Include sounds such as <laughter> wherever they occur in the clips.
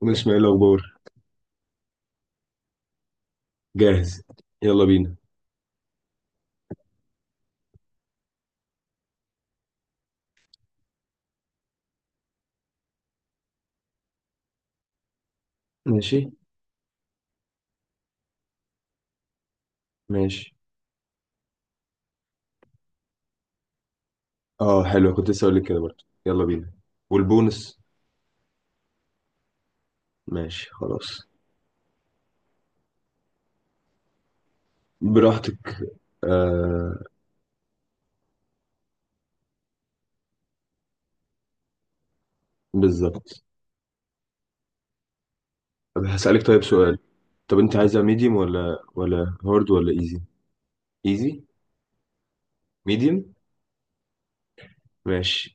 ومن اسماعيل الاخبار. جاهز. يلا بينا. ماشي. ماشي. اه حلو، كنت لسه هقول لك كده برضه. يلا بينا. والبونس. ماشي خلاص. براحتك. آه. بالظبط. طب هسألك طيب سؤال. طب انت عايزها ميديوم ولا هارد ولا ايزي. ايزي. ميديوم. ماشي.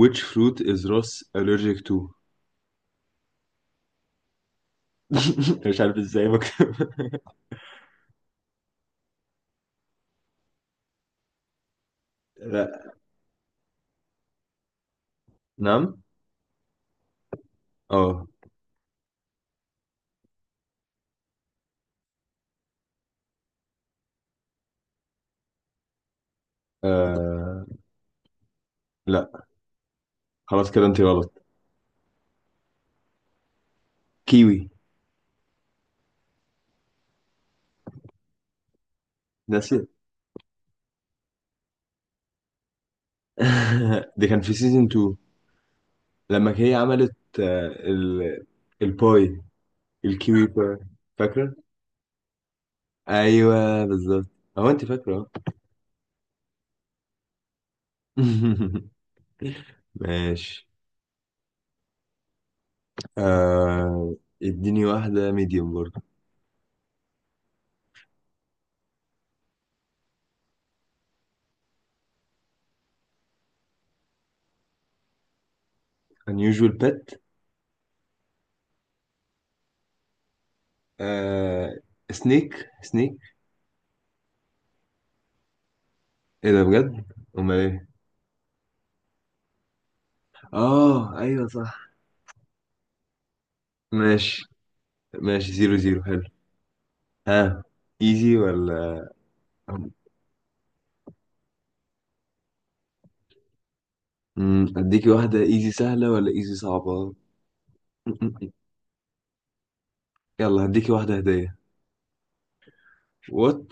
which fruit is Ross allergic to? <laughs> مش عارف ازاي بك. <laughs> لا. نعم. اه. آه، لا. خلاص كده انت غلط. كيوي. ناس. <laughs> دي كان في سيزون 2، لما هي عملت الباي، الكيوي باي. فاكرة؟ ايوه بالظبط. هو انت فاكرة. <laughs> ماشي. آه... اديني واحدة ميديوم برضه. unusual pet. آه... سنيك. سنيك. ايه ده بجد؟ امال ايه؟ اه ايوه صح. ماشي. ماشي، زيرو زيرو، حلو. ها، ايزي ولا؟ اديكي واحدة ايزي سهلة ولا ايزي صعبة؟ <laughs> يلا هديكي واحدة هدية. what.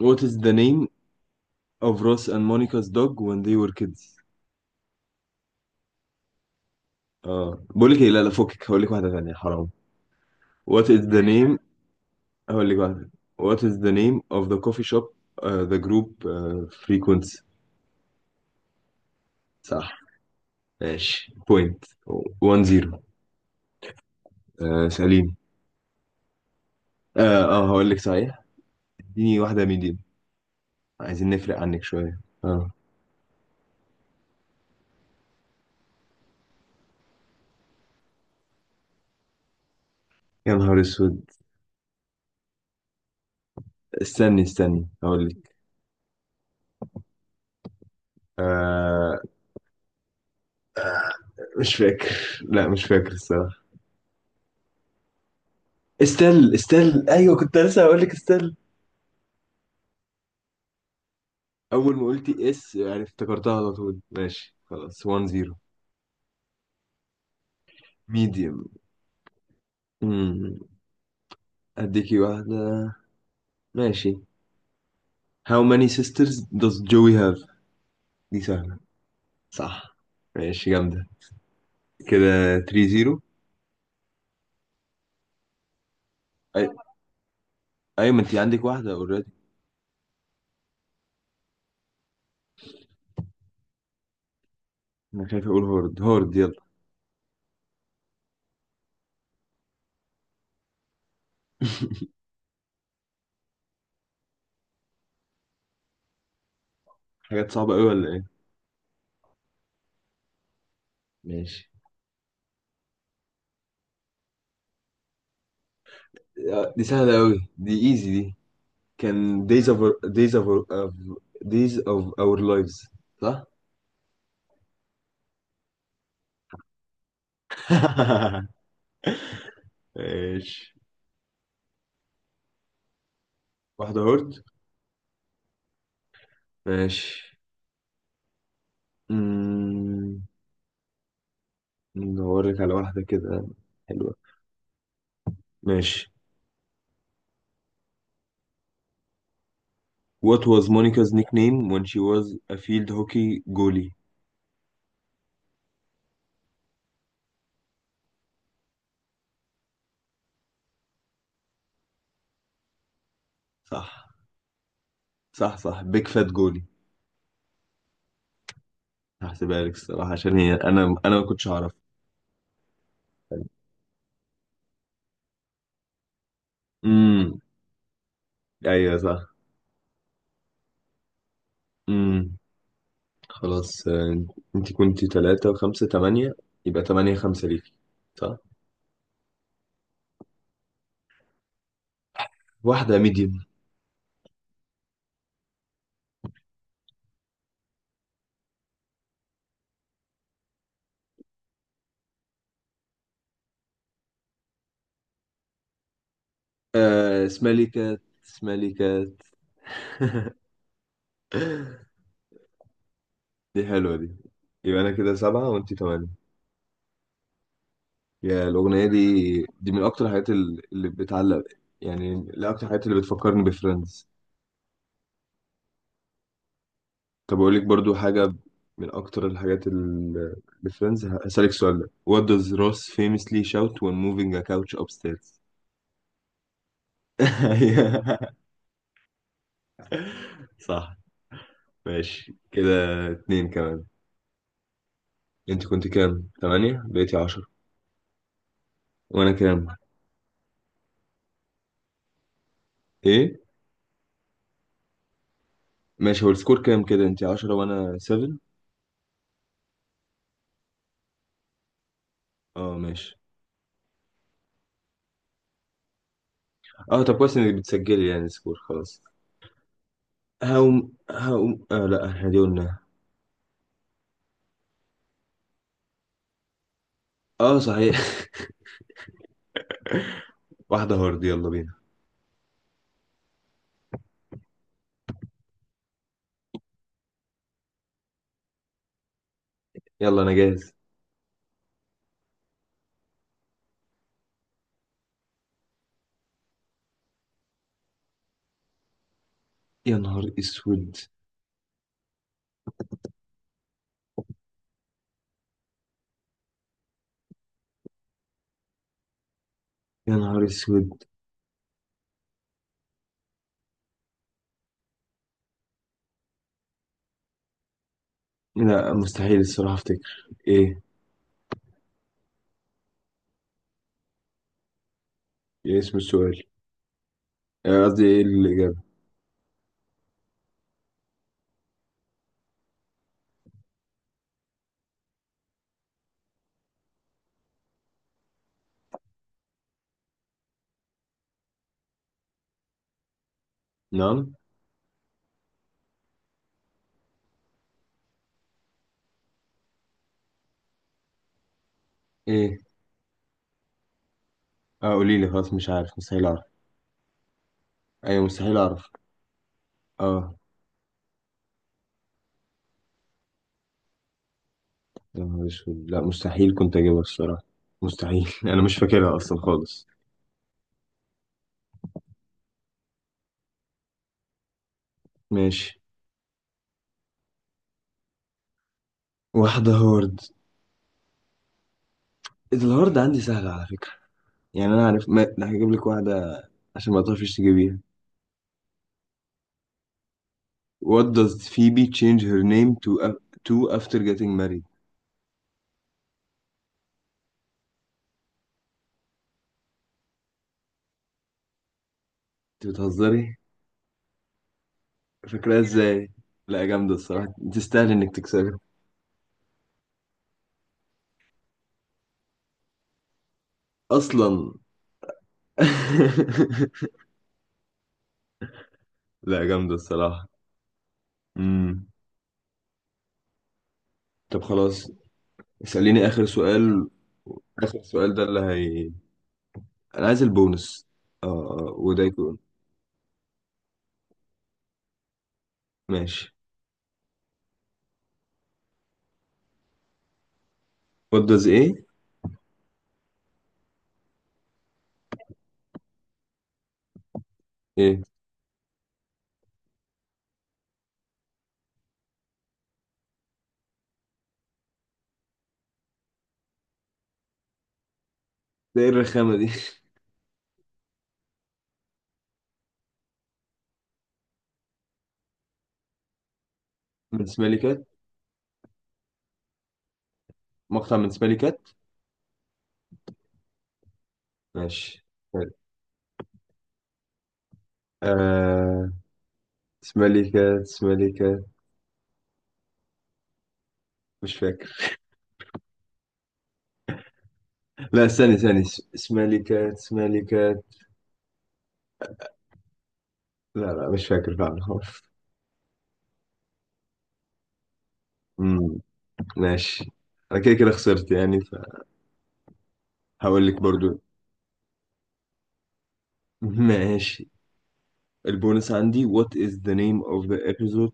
what is the name of Ross and Monica's dog when they were kids? اه بقول لك ايه، لا لا فكك هقول لك واحدة ثانية، حرام. what is the name <laughs> هقول لك واحدة. what is the name of the coffee shop the group frequents? صح. ماشي point. 1-0. آه سليم. اه هقول لك صحيح. اديني واحدة ميديم، عايزين نفرق عنك شوية اه. يا نهار اسود. استني استني هقول لك. آه، مش فاكر. لا مش فاكر الصراحة. استل. استل ايوه، كنت لسه هقول لك استل. اول ما قلتي اس يعني افتكرتها على طول. ماشي خلاص، 1-0. ميديوم. امم. اديكي واحده. ماشي. How many sisters does Joey have? دي سهله. صح. ماشي جامده، كده 3-0. أي... ايوه، ما انت عندك واحده اوريدي. انا خايف اقول هورد. هورد يلا. حاجات صعبه قوي ولا ايه؟ ماشي. آه، دي سهله قوي دي، ايزي دي. كان days of of- days of our lives. صح. <laughs> ماشي. واحدة هورد. ماشي. مم، ندور لك على واحدة كده حلوة. ماشي. What was Monica's nickname when she was a field hockey goalie? صح. صح صح، big fat goalie. هحسبها لك الصراحة، عشان هي أنا ما كنتش أعرف. امم. أيوة صح. امم. خلاص. آه، أنت كنت تلاتة وخمسة تمانية، يبقى تمانية خمسة ليكي. صح. واحدة ميديوم. آه اسمها لي كات، اسمها لي كات. <laughs> دي حلوة دي. يبقى أنا كده سبعة وأنتي تمانية. يا الأغنية دي، دي من أكتر الحاجات اللي بتعلق، يعني من أكتر الحاجات اللي بتفكرني بفريندز. طب أقول لك برضو حاجة، من أكتر الحاجات بفريندز. هسألك سؤال ده. What does Ross famously shout when moving a couch upstairs؟ <laughs> أيوة. صح. ماشي كده. اتنين كمان. أنت كنت كام؟ تمانية، بقيتي عشرة. وأنا كام؟ إيه؟ ماشي، هو السكور كام كده؟ أنت عشرة وأنا سفن؟ اه ماشي. اه طب كويس انك بتسجلي يعني سكور. خلاص، هقوم هقوم آه، لا احنا دي قلنا. اه صحيح. <laughs> واحدة هارد، يلا بينا. يلا انا جاهز. يا نهار اسود. يا نهار اسود، لا مستحيل الصراحة افتكر ايه. ايه اسم السؤال، آه، قصدي ايه الاجابة؟ نعم. ايه؟ اه قولي لي، خلاص مش عارف، مستحيل اعرف. ايوه مستحيل اعرف. اه. يا نهار اسود، لا مستحيل، كنت اجيبها الصراحة. مستحيل. <laughs> انا مش فاكرها اصلا خالص. ماشي. واحدة هارد. الهارد عندي سهلة على فكرة، يعني انا عارف ما... ده هجيب لك واحده عشان ما تعرفيش تجيبيها. What does Phoebe change her name to to after getting married? انت بتهزري، فاكراها ازاي؟ لا جامده الصراحه، تستاهل انك تكسبها اصلا. <laughs> لا جامده الصراحه. امم. طب خلاص، اساليني اخر سؤال. اخر سؤال ده اللي هي، انا عايز البونس. اه آه، وده يكون. ماشي. What does ايه؟ ايه ده، ايه الرخامه دي؟ <laughs> من سمالي كات، مقطع من سمالي كات. ماشي. آه... سماليكات سماليكات، مش فاكر. لا استني استني، سماليكات سماليكات. لا لا مش فاكر فعلا. <laughs> خالص. امم. ماشي. انا كده كده خسرت يعني، فهقول لك برضو. <laughs> ماشي. البونس عندي: what is the name of the episode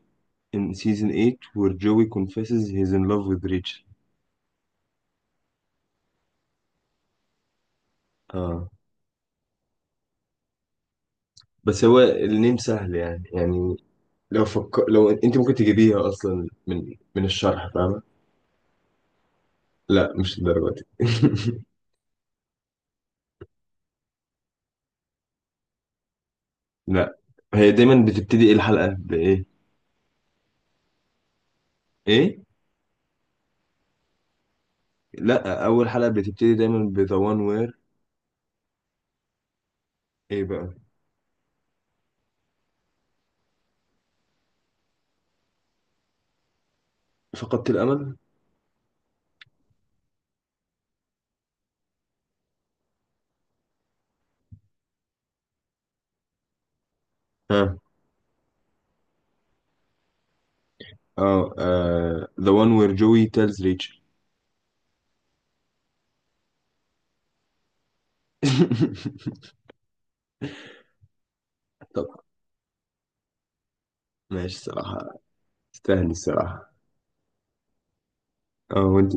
in season 8 where Joey confesses he's in love with Rachel? اه. بس هو النيم سهل يعني يعني، لو لو انت ممكن تجيبيها اصلا من الشرح فاهمه. لا مش الدرجه دي. <laughs> لا، هي دايما بتبتدي ايه الحلقة بإيه؟ ايه؟ لا، أول حلقة بتبتدي دايما ب The One Where. ايه بقى؟ فقدت الأمل؟ ها. اه آه، The One Where Joey Tells Rachel. <laughs> طب، ماشي الصراحة، تستاهل الصراحة. اه وانت.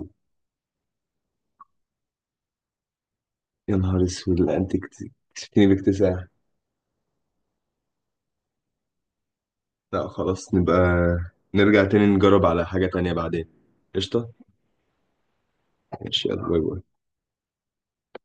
يا نهار اسود، لا انت كسبتني باكتساح. لا خلاص، نبقى نرجع تاني نجرب على حاجة تانية بعدين. قشطة؟ ماشي يلا، باي باي.